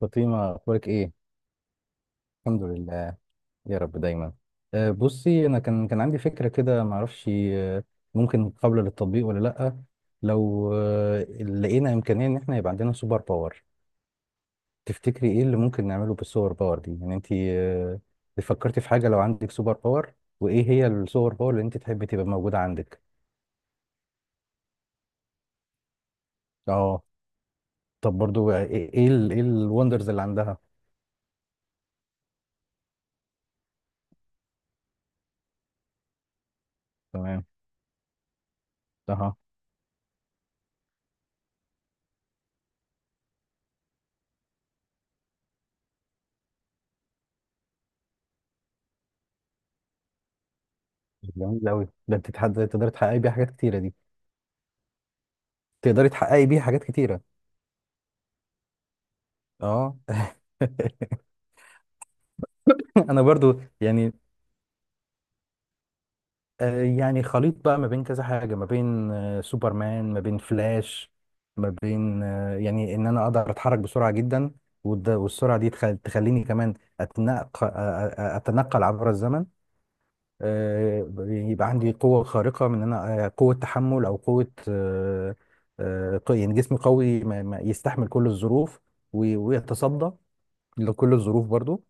فاطمة، أخبارك إيه؟ الحمد لله، يا رب دايما. بصي، أنا كان عندي فكرة كده، معرفش أه، ممكن قابلة للتطبيق ولا لأ. لو لقينا إمكانية إن إحنا يبقى عندنا سوبر باور، تفتكري إيه اللي ممكن نعمله بالسوبر باور دي؟ يعني أنت فكرتي في حاجة لو عندك سوبر باور؟ وإيه هي السوبر باور اللي أنت تحبي تبقى موجودة عندك؟ أه. طب برضو، إيه الوندرز اللي عندها؟ تمام. أها. جميل أوي ده، أنت تقدري تحققي بيها حاجات كتيرة دي، تقدري تحققي بيها حاجات كتيرة. اه. انا برضو يعني، يعني خليط بقى ما بين كذا حاجه، ما بين سوبرمان، ما بين فلاش، ما بين ان انا اقدر اتحرك بسرعه جدا. والسرعه دي تخليني كمان اتنقل، اتنقل عبر الزمن. يبقى عندي قوه خارقه، من ان انا آه، قوه تحمل، او قوه يعني جسمي قوي، ما يستحمل كل الظروف ويتصدى لكل الظروف برضو.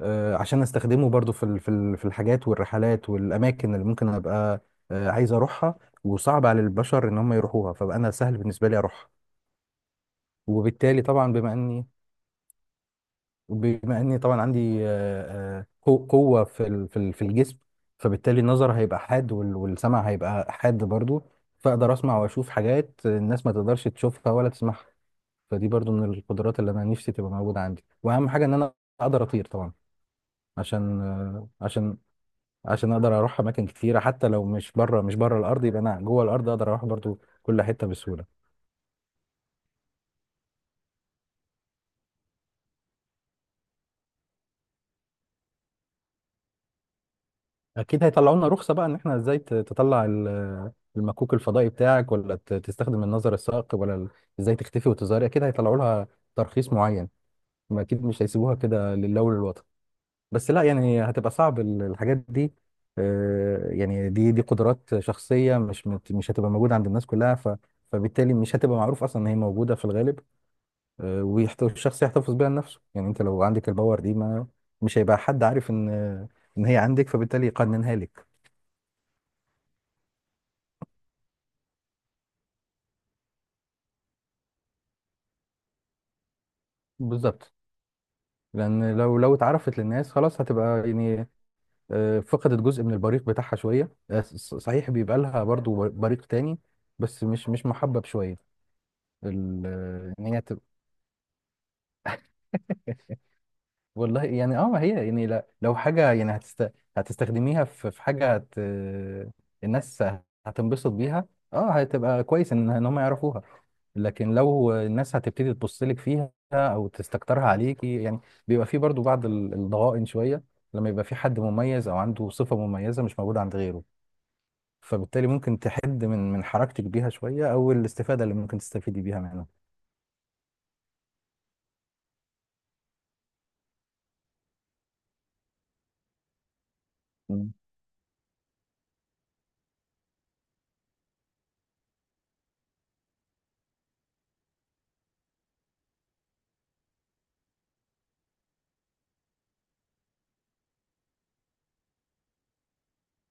عشان استخدمه برضو في الحاجات والرحلات والاماكن اللي ممكن ابقى عايز اروحها، وصعب على البشر ان هم يروحوها، فبقى انا سهل بالنسبه لي اروحها. وبالتالي طبعا بما اني، بما اني طبعا عندي قوه في الجسم، فبالتالي النظر هيبقى حاد، والسمع هيبقى حاد برضو. فاقدر اسمع واشوف حاجات الناس ما تقدرش تشوفها ولا تسمعها. فدي برضو من القدرات اللي انا نفسي تبقى موجوده عندي. واهم حاجه ان انا اقدر اطير طبعا، عشان عشان اقدر اروح اماكن كتيره. حتى لو مش بره، مش بره الارض، يبقى انا جوه الارض اقدر اروح برضو كل حته بسهوله. اكيد هيطلعوا لنا رخصه بقى، ان احنا ازاي تطلع المكوك الفضائي بتاعك، ولا تستخدم النظر الثاقب، ولا ازاي تختفي وتظهري. اكيد هيطلعوا لها ترخيص معين، ما اكيد مش هيسيبوها كده لله وللوطن. بس لا يعني هتبقى صعب الحاجات دي. يعني دي قدرات شخصيه، مش هتبقى موجوده عند الناس كلها. فبالتالي مش هتبقى معروف اصلا ان هي موجوده في الغالب. والشخص يحتفظ بيها لنفسه. يعني انت لو عندك الباور دي، ما مش هيبقى حد عارف ان، ان هي عندك، فبالتالي يقننها لك. بالظبط. لان لو اتعرفت للناس، خلاص هتبقى يعني فقدت جزء من البريق بتاعها شويه. صحيح بيبقى لها برضو بريق تاني، بس مش محبب شويه ان هي تبقى. والله يعني اه، ما هي يعني لو حاجة يعني هتست... هتستخدميها في حاجة هت... الناس هتنبسط بيها. اه هتبقى كويس ان هم يعرفوها. لكن لو الناس هتبتدي تبص لك فيها او تستكترها عليكي، يعني بيبقى في برضو بعض الضغائن شوية، لما يبقى في حد مميز او عنده صفة مميزة مش موجودة عند غيره. فبالتالي ممكن تحد من حركتك بيها شوية، او الاستفادة اللي ممكن تستفيدي بيها منها.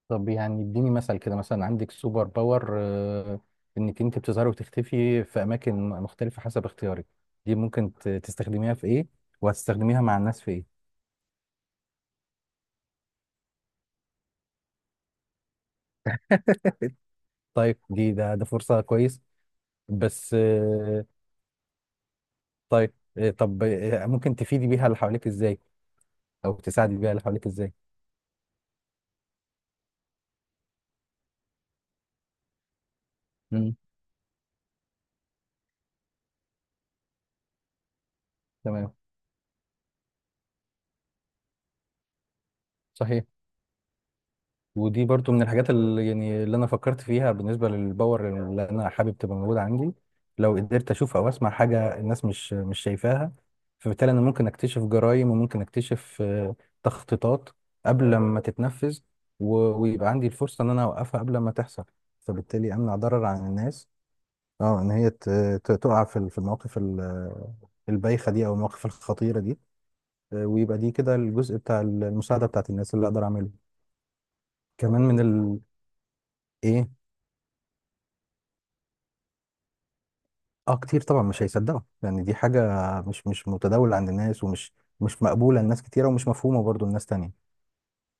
طب يعني اديني مثل كده، مثلا عندك سوبر باور انك انت بتظهري وتختفي في اماكن مختلفة حسب اختيارك. دي ممكن تستخدميها في ايه؟ وهتستخدميها مع الناس في ايه؟ طيب دي ده فرصة كويس، بس طيب آه، طب آه، ممكن تفيدي بيها اللي حواليك ازاي، او تساعدي بيها اللي حواليك ازاي؟ امم. تمام. صحيح. ودي برضو من الحاجات اللي يعني اللي انا فكرت فيها، بالنسبه للباور اللي انا حابب تبقى موجوده عندي. لو قدرت اشوف او اسمع حاجه الناس مش شايفاها، فبالتالي انا ممكن اكتشف جرائم، وممكن اكتشف تخطيطات قبل ما تتنفذ، و- ويبقى عندي الفرصه ان انا اوقفها قبل ما تحصل، فبالتالي امنع ضرر عن الناس. اه، ان هي ت- ت- تقع في المواقف البايخه دي، او المواقف الخطيره دي. ويبقى دي كده الجزء بتاع المساعده بتاعت الناس اللي اقدر اعمله. كمان من ال... ايه؟ اه كتير طبعا مش هيصدقوا. يعني دي حاجة مش متداولة عند الناس، ومش مش مقبولة لناس كتيرة، ومش مفهومة برضو لناس تانية.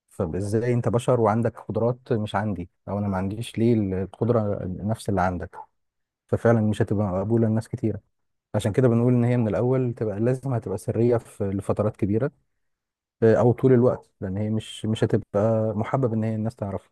فازاي انت بشر وعندك قدرات مش عندي، او انا ما عنديش ليه القدرة نفس اللي عندك؟ ففعلا مش هتبقى مقبولة لناس كتيرة. عشان كده بنقول ان هي من الاول تبقى لازم هتبقى سرية في لفترات كبيرة، او طول الوقت، لان هي مش هتبقى محبب ان هي الناس تعرفها.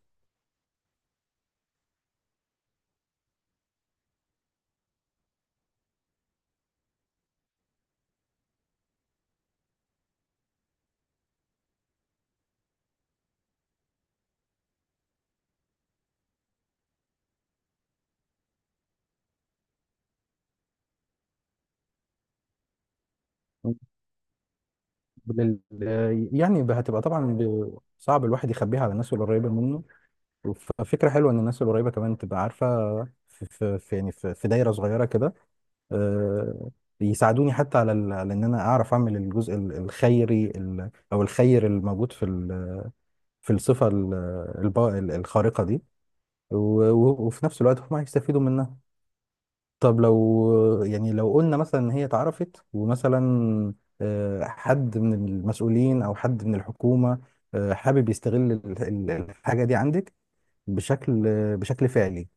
بال- يعني هتبقى طبعا صعب الواحد يخبيها على الناس القريبة منه، ففكرة حلوة إن الناس القريبة كمان تبقى عارفة. في يعني في دايرة صغيرة كده، آه، يساعدوني حتى على على إن أنا أعرف أعمل الجزء الخيري، أو الخير الموجود في الصفة الخارقة دي. وفي نفس الوقت هم هيستفيدوا منها. طب لو يعني لو قلنا مثلا إن هي اتعرفت، ومثلا حد من المسؤولين أو حد من الحكومة حابب يستغل الحاجة دي عندك بشكل، بشكل فعلي.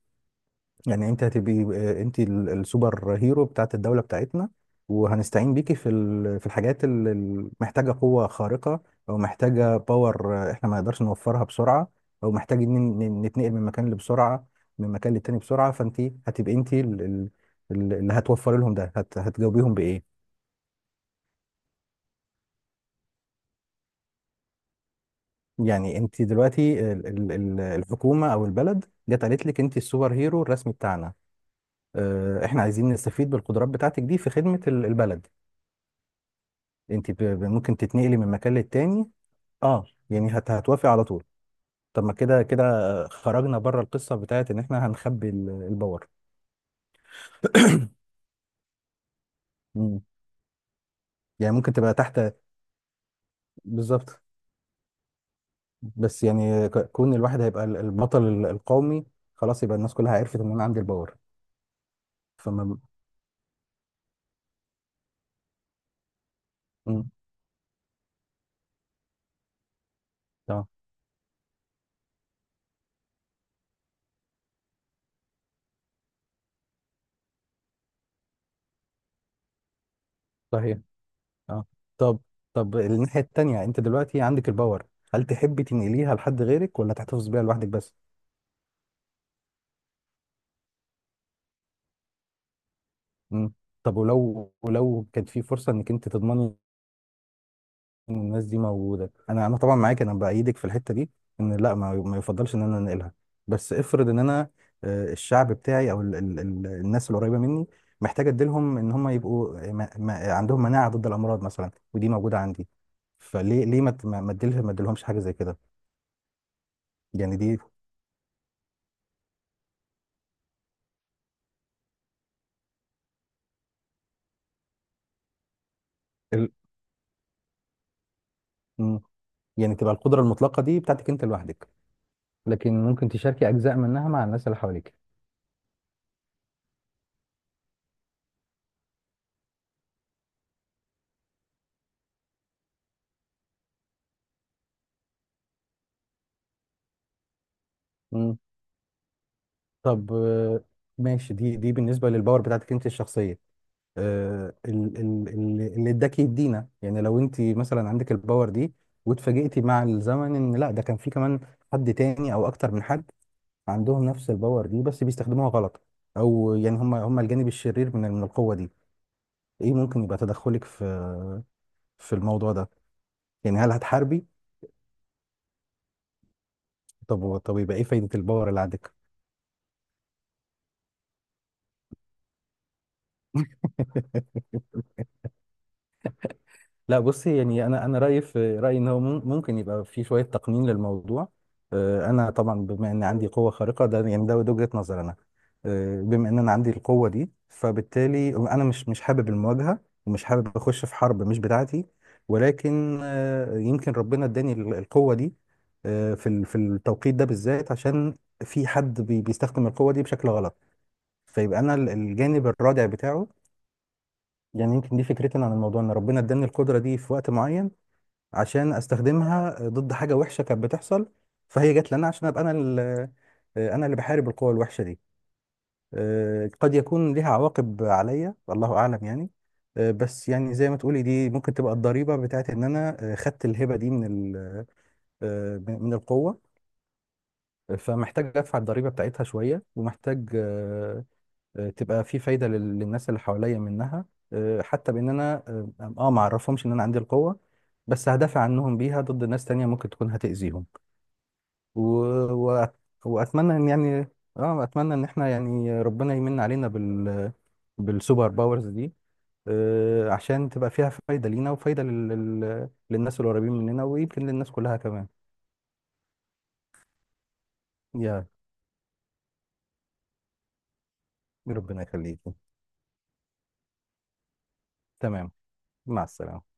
يعني انت هتبقي انت السوبر هيرو بتاعت الدولة بتاعتنا، وهنستعين بيكي في الحاجات اللي محتاجة قوة خارقة، او محتاجة باور احنا ما نقدرش نوفرها بسرعة، او محتاجين نتنقل من مكان لبسرعة، من مكان للتاني بسرعة. فانت هتبقي انت اللي هتوفري لهم ده، هتجاوبيهم بإيه؟ يعني انت دلوقتي الحكومة او البلد جت قالت لك انت السوبر هيرو الرسمي بتاعنا. اه، احنا عايزين نستفيد بالقدرات بتاعتك دي في خدمة البلد، انت ممكن تتنقلي من مكان للتاني. اه يعني هتوافقي على طول؟ طب ما كده كده خرجنا بره القصه بتاعت ان احنا هنخبي الباور. مم. يعني ممكن تبقى تحت. بالظبط. بس يعني كون الواحد هيبقى البطل القومي، خلاص يبقى الناس كلها عرفت ان انا عندي الباور. فما. مم. تمام. صحيح. اه. طب، الناحيه التانيه، انت دلوقتي عندك الباور، هل تحبي تنقليها لحد غيرك، ولا تحتفظ بيها لوحدك بس؟ مم. طب ولو كانت في فرصه انك انت تضمني ان الناس دي موجوده، انا طبعا معاك، انا بايدك في الحته دي، ان لا ما يفضلش ان انا انقلها. بس افرض ان انا الشعب بتاعي او ال ال ال الناس القريبه مني، محتاج اديلهم ان هم يبقوا آه، ما ما عندهم مناعه ضد الامراض مثلا، ودي موجوده عندي. فليه، ليه ما ت- ما ما اديلهم ما اديلهمش حاجه زي كده؟ يعني دي ال. مم. يعني تبقى القدره المطلقه دي بتاعتك انت لوحدك، لكن ممكن تشاركي اجزاء منها مع الناس اللي حواليك. مم. طب ماشي، دي بالنسبه للباور بتاعتك انت الشخصيه. اللي اداك يدينا، يعني لو انت مثلا عندك الباور دي واتفاجئتي مع الزمن ان لا، ده كان في كمان حد تاني او اكتر من حد عندهم نفس الباور دي، بس بيستخدموها غلط، او يعني هم الجانب الشرير من القوة دي، ايه ممكن يبقى تدخلك في الموضوع ده؟ يعني هل هتحاربي؟ طب يبقى ايه فايدة الباور اللي عندك؟ لا بصي، يعني انا رايي، رايي ان هو ممكن يبقى في شويه تقنين للموضوع. انا طبعا بما ان عندي قوه خارقه، ده يعني ده وجهه نظر انا، بما ان انا عندي القوه دي، فبالتالي انا مش حابب المواجهه، ومش حابب اخش في حرب مش بتاعتي. ولكن يمكن ربنا اداني القوه دي في التوقيت ده بالذات، عشان في حد بيستخدم القوه دي بشكل غلط، فيبقى انا الجانب الرادع بتاعه. يعني يمكن دي فكرتي أنا عن الموضوع، ان ربنا اداني القدره دي في وقت معين عشان استخدمها ضد حاجه وحشه كانت بتحصل، فهي جت لنا عشان ابقى انا انا اللي بحارب القوى الوحشه دي. قد يكون ليها عواقب عليا، الله اعلم يعني. بس يعني زي ما تقولي، دي ممكن تبقى الضريبه بتاعت ان انا خدت الهبه دي من ال- من القوه، فمحتاج ادفع الضريبه بتاعتها شويه. ومحتاج تبقى في فايدة للناس اللي حواليا منها، حتى بان انا ما اعرفهمش ان انا عندي القوة، بس هدافع عنهم بيها ضد ناس تانية ممكن تكون هتأذيهم. و... و... واتمنى ان يعني، اه اتمنى ان احنا يعني ربنا يمن علينا بالسوبر باورز دي، عشان تبقى فيها فايدة لينا، وفايدة للناس القريبين مننا، ويمكن للناس كلها كمان. يا. ربنا يخليكم. تمام. مع السلامة.